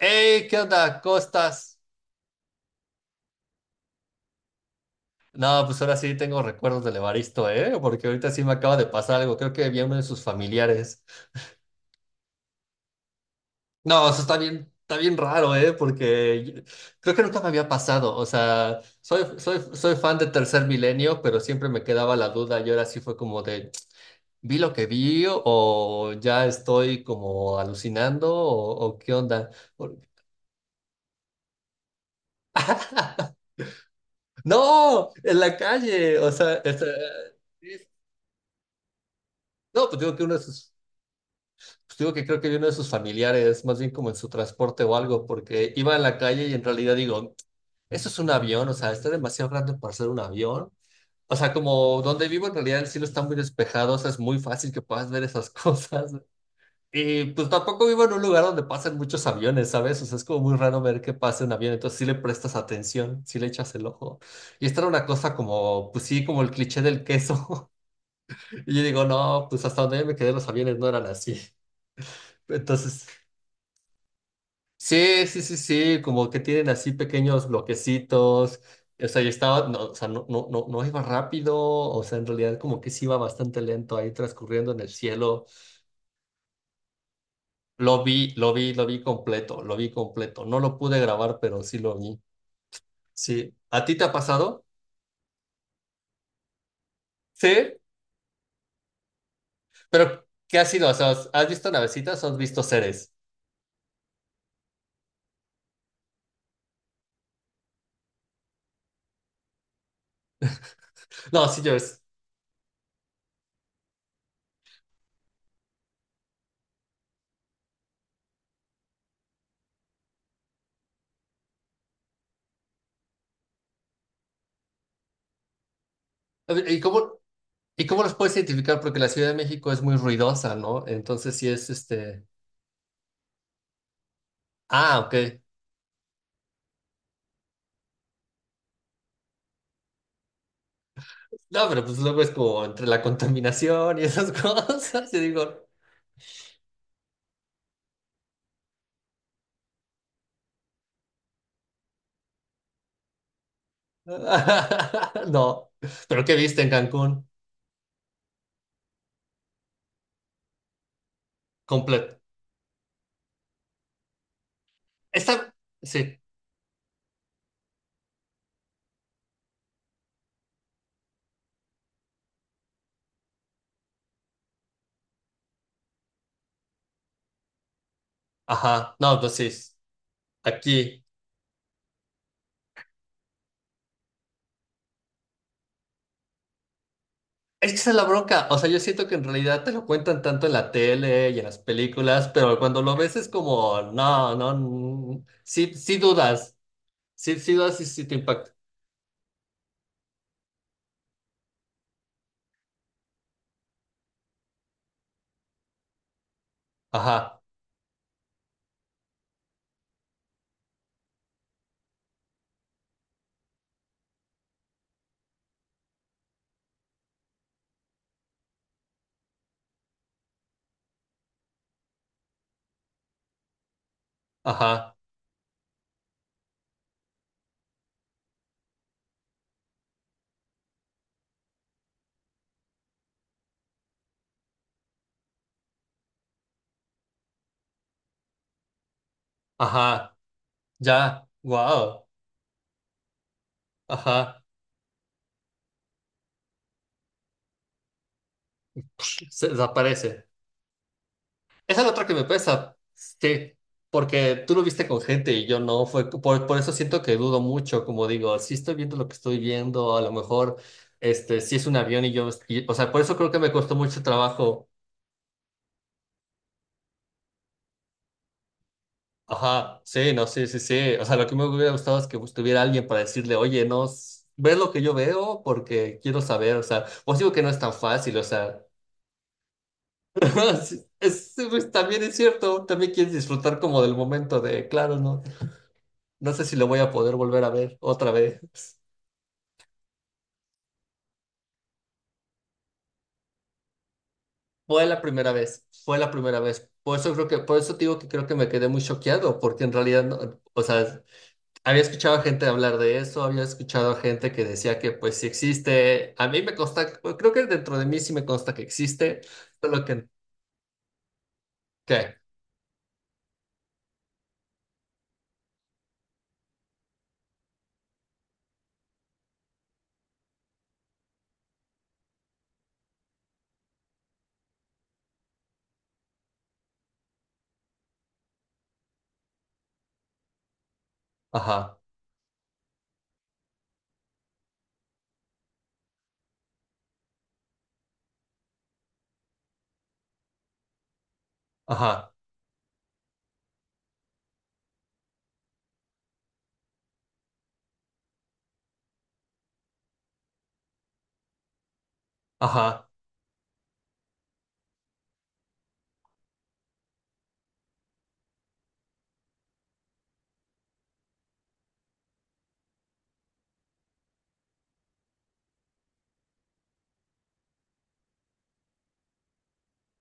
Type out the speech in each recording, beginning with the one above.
Hey, ¿qué onda? ¿Cómo estás? No, pues ahora sí tengo recuerdos del Evaristo, ¿eh? Porque ahorita sí me acaba de pasar algo. Creo que había uno de sus familiares. No, eso está bien raro, ¿eh? Porque creo que nunca me había pasado. O sea, soy fan de Tercer Milenio, pero siempre me quedaba la duda y ahora sí fue como de, ¿vi lo que vi o ya estoy como alucinando o qué onda? Por- No, en la calle, o sea, este, no, pues digo que uno de sus pues digo que creo que vino de sus familiares, más bien como en su transporte o algo, porque iba en la calle y en realidad digo, eso es un avión, o sea, está demasiado grande para ser un avión. O sea, como donde vivo en realidad el cielo está muy despejado, o sea, es muy fácil que puedas ver esas cosas. Y pues tampoco vivo en un lugar donde pasen muchos aviones, ¿sabes? O sea, es como muy raro ver que pase un avión, entonces sí le prestas atención, sí le echas el ojo. Y esta era una cosa como, pues sí, como el cliché del queso. Y yo digo, no, pues hasta donde yo me quedé los aviones no eran así. Entonces. Sí, sí, sí, sí, como que tienen así pequeños bloquecitos. O sea, yo estaba, no, o sea, no, no, no, no iba rápido, o sea, en realidad como que sí iba bastante lento ahí transcurriendo en el cielo. Lo vi, lo vi, lo vi completo, lo vi completo. No lo pude grabar, pero sí lo vi. Sí. ¿A ti te ha pasado? Sí. Pero, ¿qué ha sido? O sea, ¿has visto navecitas o has visto seres? No, sí, yo es. ¿Y cómo, y cómo los puedes identificar? Porque la Ciudad de México es muy ruidosa, ¿no? Entonces sí es este. Ah, ok. No, pero pues luego es como entre la contaminación y esas cosas. Y digo, no. ¿Pero qué viste en Cancún? Completo. Esta, sí. Ajá. No, pues sí. Aquí. Es que esa es la bronca. O sea, yo siento que en realidad te lo cuentan tanto en la tele y en las películas, pero cuando lo ves es como, no, no, mm, sí, sí dudas. Sí, sí dudas y sí te impacta. Ajá, ajá, ajá. Ya, wow. Ajá. Pues, se desaparece. Esa es la otra que me pesa, sí, porque tú lo viste con gente y yo no, fue por eso siento que dudo mucho, como digo, si estoy viendo lo que estoy viendo, a lo mejor, este, si es un avión y yo, o sea, por eso creo que me costó mucho trabajo, ajá, sí, no, sí, sí, sí, o sea, lo que me hubiera gustado es que estuviera alguien para decirle, oye, no, ves lo que yo veo porque quiero saber, o sea, os digo que no es tan fácil, o sea, sí, es, pues, también es cierto, también quieres disfrutar como del momento de, claro, no. No sé si lo voy a poder volver a ver otra vez. Fue la primera vez, fue la primera vez. Por eso creo que, por eso te digo que creo que me quedé muy choqueado, porque en realidad, o sea, había escuchado a gente hablar de eso, había escuchado a gente que decía que pues sí existe. A mí me consta, bueno, creo que dentro de mí sí me consta que existe, solo que, ¿qué? Ajá, ajá, ajá.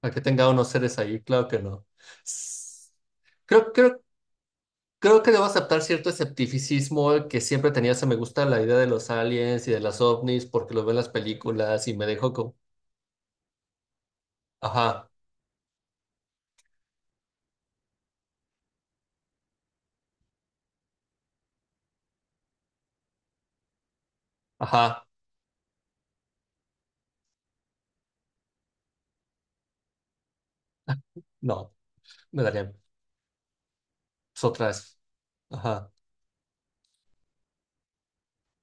A que tenga unos seres ahí, claro que no. S- Creo, creo Creo que debo aceptar cierto esceptificismo que siempre tenía. Se me gusta la idea de los aliens y de las ovnis porque lo veo en las películas y me dejo como, ajá, ajá, no, me darían otras, ajá,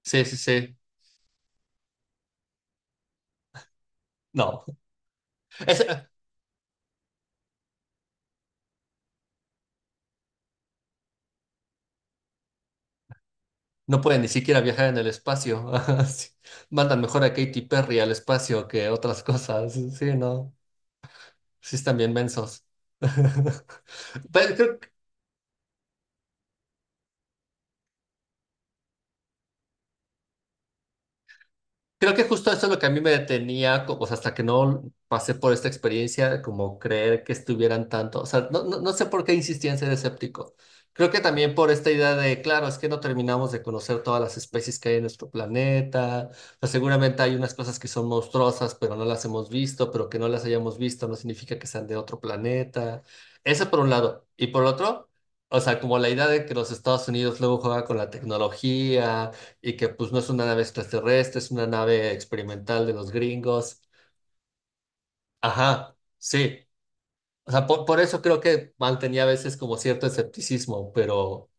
sí, sí, sí, no, Es- no pueden ni siquiera viajar en el espacio. Ajá, sí. Mandan mejor a Katy Perry al espacio que otras cosas, sí, no, sí están bien mensos. Pero creo- Creo que justo eso es lo que a mí me detenía, o sea, hasta que no pasé por esta experiencia, como creer que estuvieran tanto, o sea, no, no, no sé por qué insistía en ser escéptico. Creo que también por esta idea de, claro, es que no terminamos de conocer todas las especies que hay en nuestro planeta, o sea, seguramente hay unas cosas que son monstruosas, pero no las hemos visto, pero que no las hayamos visto no significa que sean de otro planeta. Eso por un lado. Y por otro, o sea, como la idea de que los Estados Unidos luego juega con la tecnología y que pues no es una nave extraterrestre, es una nave experimental de los gringos. Ajá, sí. O sea, por eso creo que mantenía a veces como cierto escepticismo, pero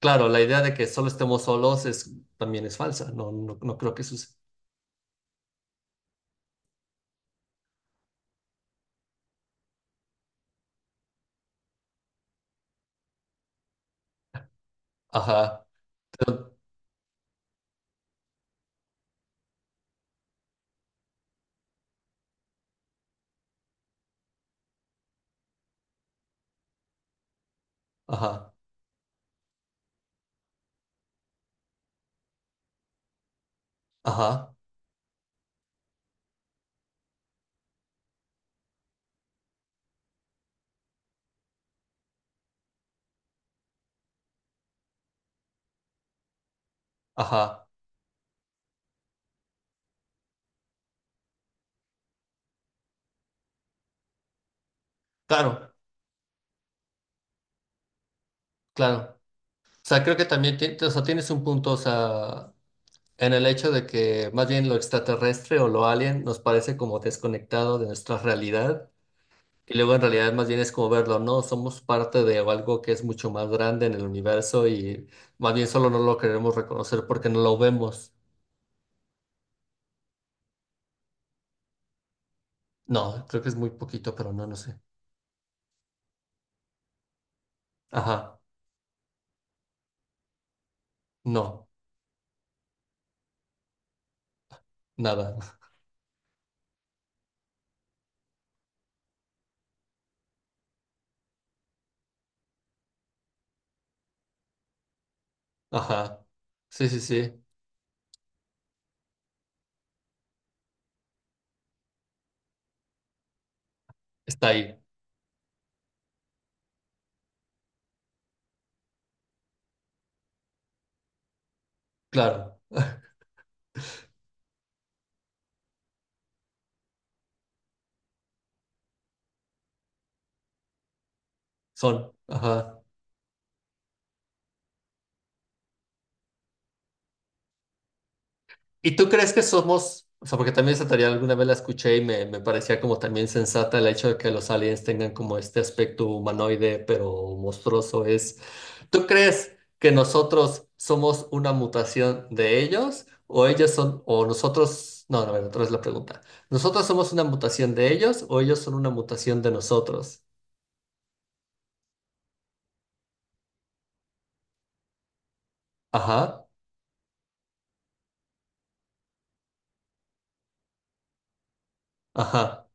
claro, la idea de que solo estemos solos es, también es falsa, no, no, no creo que suceda. Ajá, ajá, ajá, ajá. Claro, claro. O sea, creo que también o sea, tienes un punto, o sea, en el hecho de que más bien lo extraterrestre o lo alien nos parece como desconectado de nuestra realidad. Y luego en realidad más bien es como verlo, ¿no? Somos parte de algo que es mucho más grande en el universo y más bien solo no lo queremos reconocer porque no lo vemos. No, creo que es muy poquito, pero no, no sé. Ajá, no, nada. Ajá. Sí, sí, sí, está ahí, claro. Son, ajá. ¿Y tú crees que somos, o sea, porque también esa teoría alguna vez la escuché y me parecía como también sensata el hecho de que los aliens tengan como este aspecto humanoide, pero monstruoso es, ¿tú crees que nosotros somos una mutación de ellos o ellos son, o nosotros, no, no, a ver, otra vez la pregunta, ¿nosotros somos una mutación de ellos o ellos son una mutación de nosotros? Ajá, ajá,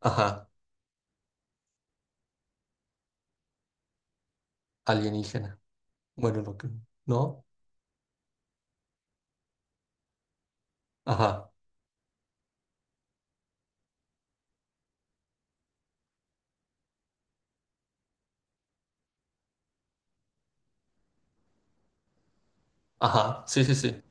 ajá, alienígena. Bueno, no, ¿no? Ajá, ajá, sí, sí, sí.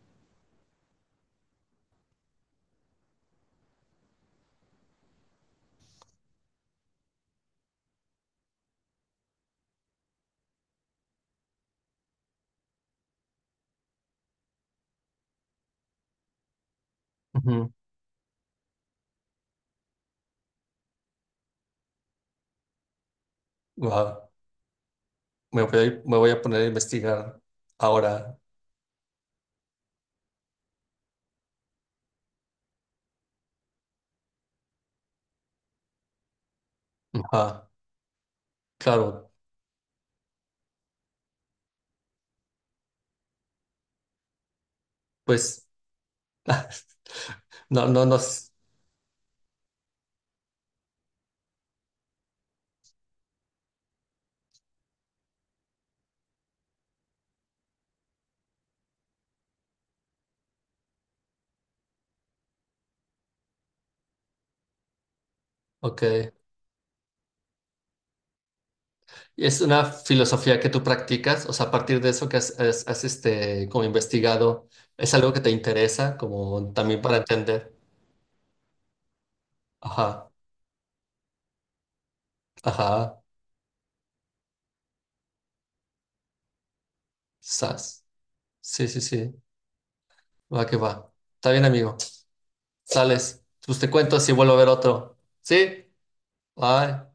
Wow. Me voy a poner a investigar ahora. Ajá, claro, pues no, no, no. Ok. ¿Es una filosofía que tú practicas? O sea, a partir de eso que has, este, como investigado, ¿es algo que te interesa como también para entender? Ajá, ajá, sas. Sí, sí, sí. Va que va. Está bien, amigo. Sales. Pues te cuento si vuelvo a ver otro. ¿Sí? Bye.